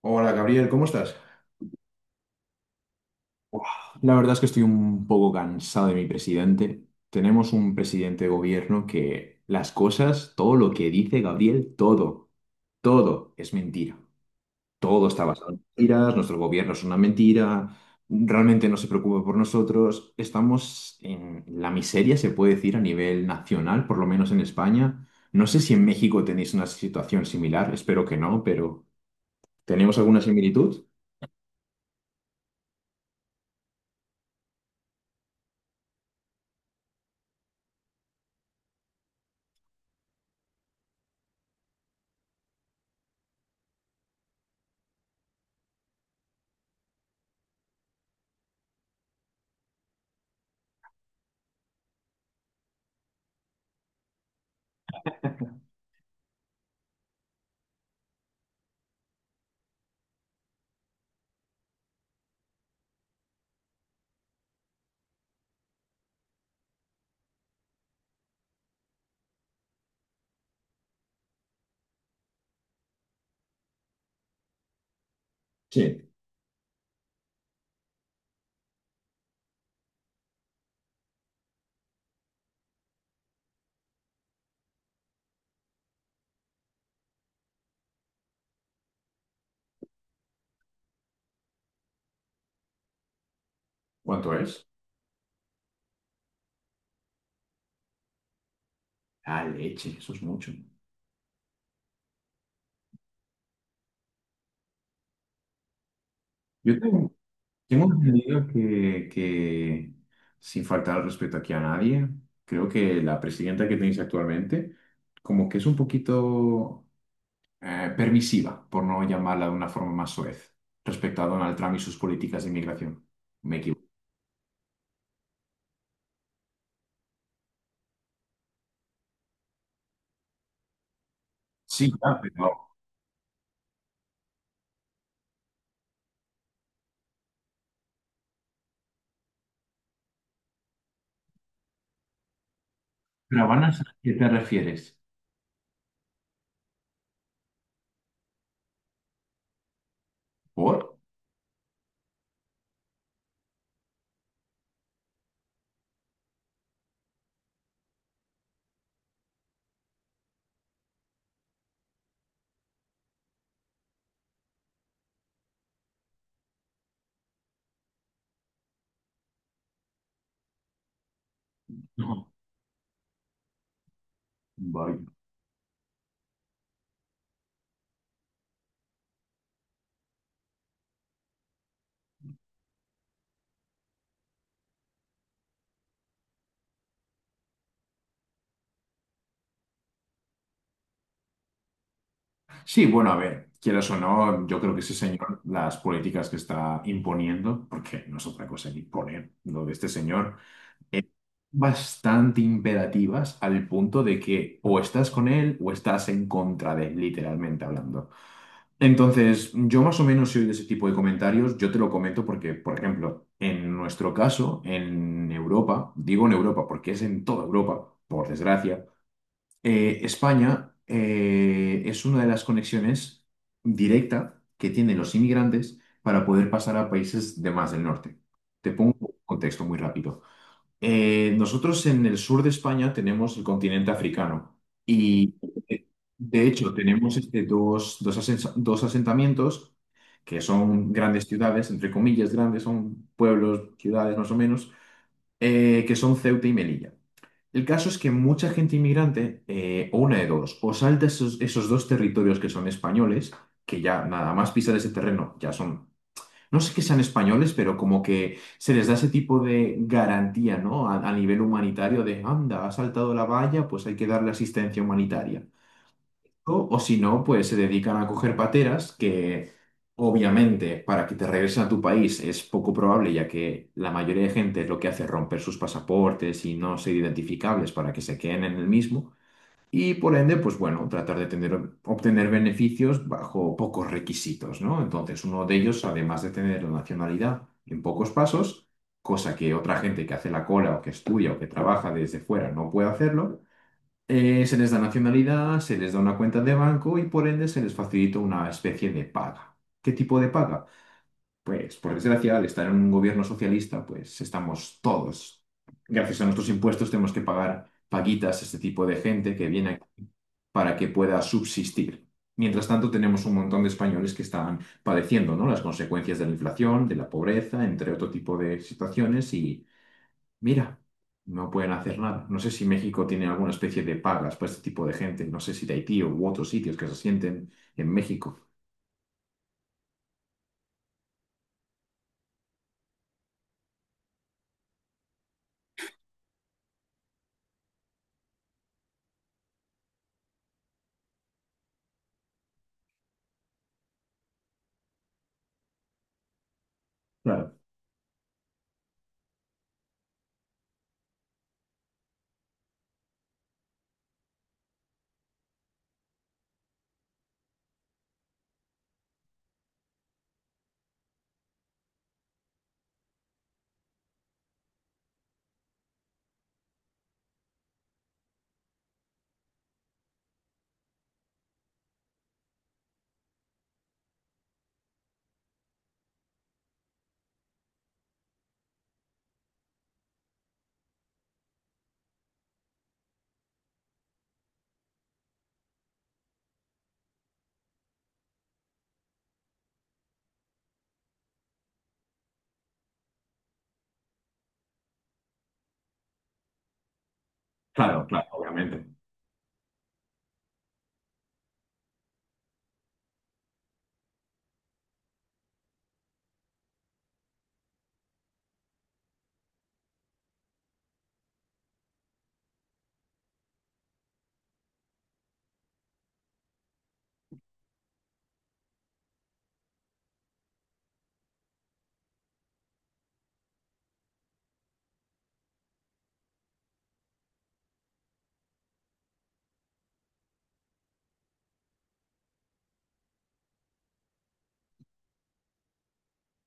Hola Gabriel, ¿cómo estás? La verdad es que estoy un poco cansado de mi presidente. Tenemos un presidente de gobierno que las cosas, todo lo que dice Gabriel, todo, todo es mentira. Todo está basado en mentiras, nuestro gobierno es una mentira, realmente no se preocupa por nosotros. Estamos en la miseria, se puede decir, a nivel nacional, por lo menos en España. No sé si en México tenéis una situación similar, espero que no, pero ¿tenemos alguna similitud? Sí. ¿Cuánto es? Ah, leche, eso es mucho. Yo tengo entendido que, sin faltar al respeto aquí a nadie, creo que la presidenta que tenéis actualmente, como que es un poquito permisiva, por no llamarla de una forma más soez, respecto a Donald Trump y sus políticas de inmigración. Me equivoco. Sí, claro, pero van a ¿qué te refieres? ¿Por? No. Vaya. Sí, bueno, a ver, quieras o no, yo creo que ese señor, las políticas que está imponiendo, porque no es otra cosa que imponer lo de este señor, es bastante imperativas al punto de que o estás con él o estás en contra de él, literalmente hablando. Entonces, yo más o menos soy de ese tipo de comentarios, yo te lo comento porque, por ejemplo, en nuestro caso, en Europa, digo en Europa porque es en toda Europa, por desgracia, España es una de las conexiones directa que tienen los inmigrantes para poder pasar a países de más del norte. Te pongo un contexto muy rápido. Nosotros en el sur de España tenemos el continente africano y eh, de hecho tenemos este, dos asentamientos que son grandes ciudades, entre comillas grandes, son pueblos, ciudades más o menos, que son Ceuta y Melilla. El caso es que mucha gente inmigrante, o una de dos, o salta esos dos territorios que son españoles, que ya nada más pisar ese terreno, ya son, no sé que sean españoles, pero como que se les da ese tipo de garantía, ¿no? A nivel humanitario de, anda, ha saltado la valla, pues hay que darle asistencia humanitaria o si no, pues se dedican a coger pateras que obviamente para que te regresen a tu país es poco probable, ya que la mayoría de gente lo que hace es romper sus pasaportes y no ser identificables para que se queden en el mismo. Y por ende, pues bueno, obtener beneficios bajo pocos requisitos, ¿no? Entonces, uno de ellos, además de tener la nacionalidad en pocos pasos, cosa que otra gente que hace la cola o que estudia o que trabaja desde fuera no puede hacerlo, se les da nacionalidad, se les da una cuenta de banco y por ende se les facilita una especie de paga. ¿Qué tipo de paga? Pues por desgracia, al estar en un gobierno socialista, pues estamos todos, gracias a nuestros impuestos, tenemos que pagar paguitas a este tipo de gente que viene para que pueda subsistir. Mientras tanto, tenemos un montón de españoles que están padeciendo, ¿no?, las consecuencias de la inflación, de la pobreza, entre otro tipo de situaciones. Mira, no pueden hacer nada. No sé si México tiene alguna especie de pagas para este tipo de gente. No sé si de Haití u otros sitios que se sienten en México. Claro, claro, claro, obviamente.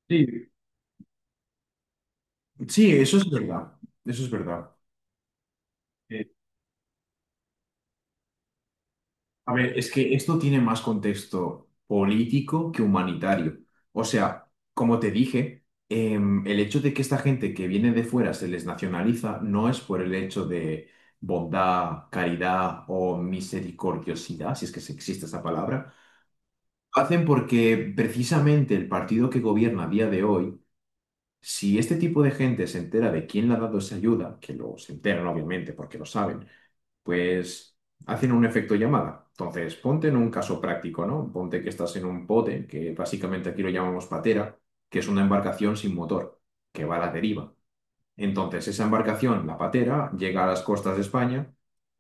Sí, sí, eso es verdad. Eso es verdad. A ver, es que esto tiene más contexto político que humanitario. O sea, como te dije, el hecho de que esta gente que viene de fuera se les nacionaliza no es por el hecho de bondad, caridad o misericordiosidad, si es que existe esa palabra. Hacen porque precisamente el partido que gobierna a día de hoy, si este tipo de gente se entera de quién le ha dado esa ayuda, que lo se enteran obviamente porque lo saben, pues hacen un efecto llamada. Entonces, ponte en un caso práctico, ¿no? Ponte que estás en un bote, que básicamente aquí lo llamamos patera, que es una embarcación sin motor, que va a la deriva. Entonces, esa embarcación, la patera, llega a las costas de España.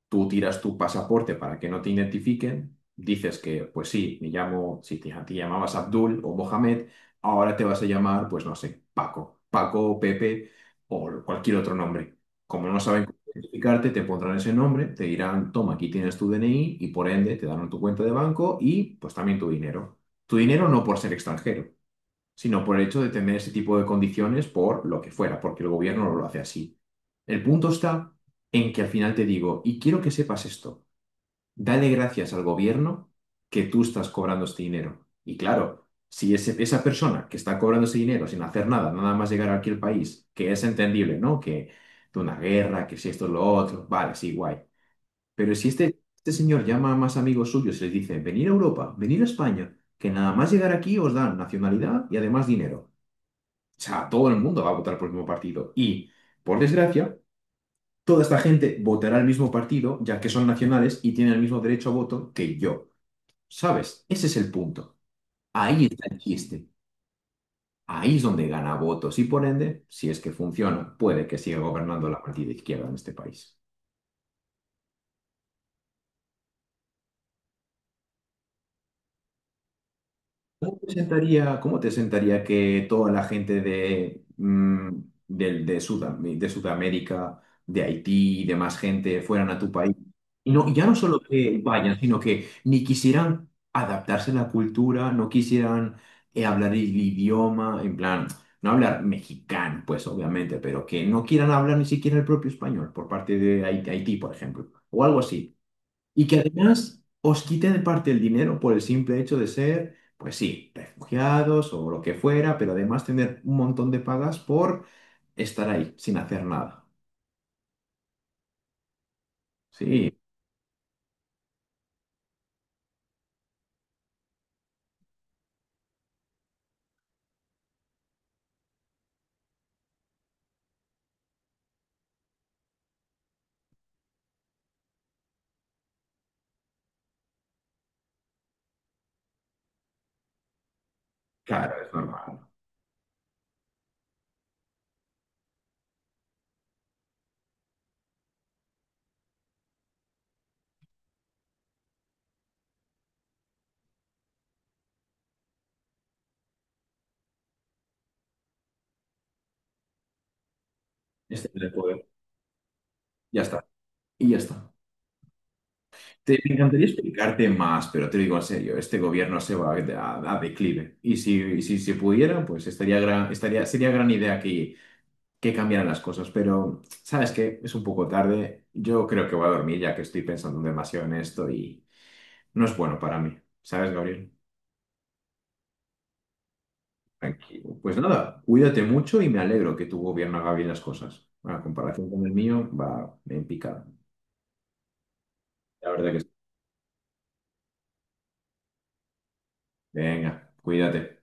Tú tiras tu pasaporte para que no te identifiquen, dices que, pues sí, me llamo, si te, te llamabas Abdul o Mohamed, ahora te vas a llamar, pues no sé, Paco, Paco, Pepe o cualquier otro nombre. Como no saben cómo identificarte, te pondrán ese nombre, te dirán, toma, aquí tienes tu DNI y por ende te darán tu cuenta de banco y pues también tu dinero. Tu dinero no por ser extranjero, sino por el hecho de tener ese tipo de condiciones por lo que fuera, porque el gobierno no lo hace así. El punto está en que al final te digo, y quiero que sepas esto, dale gracias al gobierno que tú estás cobrando este dinero. Y claro, si esa persona que está cobrando ese dinero sin hacer nada, nada más llegar aquí al país, que es entendible, ¿no? Que de una guerra, que si esto es lo otro, vale, sí, guay. Pero si este señor llama a más amigos suyos y les dice, venir a Europa, venir a España, que nada más llegar aquí os dan nacionalidad y además dinero. O sea, todo el mundo va a votar por el mismo partido. Y, por desgracia, toda esta gente votará el mismo partido, ya que son nacionales y tienen el mismo derecho a voto que yo. ¿Sabes? Ese es el punto. Ahí está el chiste. Ahí es donde gana votos y, por ende, si es que funciona, puede que siga gobernando la partida izquierda en este país. ¿Cómo te sentaría que toda la gente de, de Sudam- de Sudamérica, de Haití y demás gente fueran a tu país? Y no, ya no solo que vayan, sino que ni quisieran adaptarse a la cultura, no quisieran hablar el idioma, en plan, no hablar mexicano, pues obviamente, pero que no quieran hablar ni siquiera el propio español por parte de Haití, por ejemplo, o algo así. Y que además os quite de parte el dinero por el simple hecho de ser, pues sí, refugiados o lo que fuera, pero además tener un montón de pagas por estar ahí sin hacer nada. Sí, claro, es normal. Este es el poder. Ya está. Y ya está. Me encantaría explicarte más, pero te digo en serio, este gobierno se va a declive. Y si se pudiera, pues estaría gran, estaría, sería gran idea que cambiaran las cosas, pero sabes que es un poco tarde. Yo creo que voy a dormir ya que estoy pensando demasiado en esto y no es bueno para mí. ¿Sabes, Gabriel? Tranquilo. Pues nada, cuídate mucho y me alegro que tu gobierno haga bien las cosas. A comparación con el mío, va en picado. La verdad que sí. Venga, cuídate.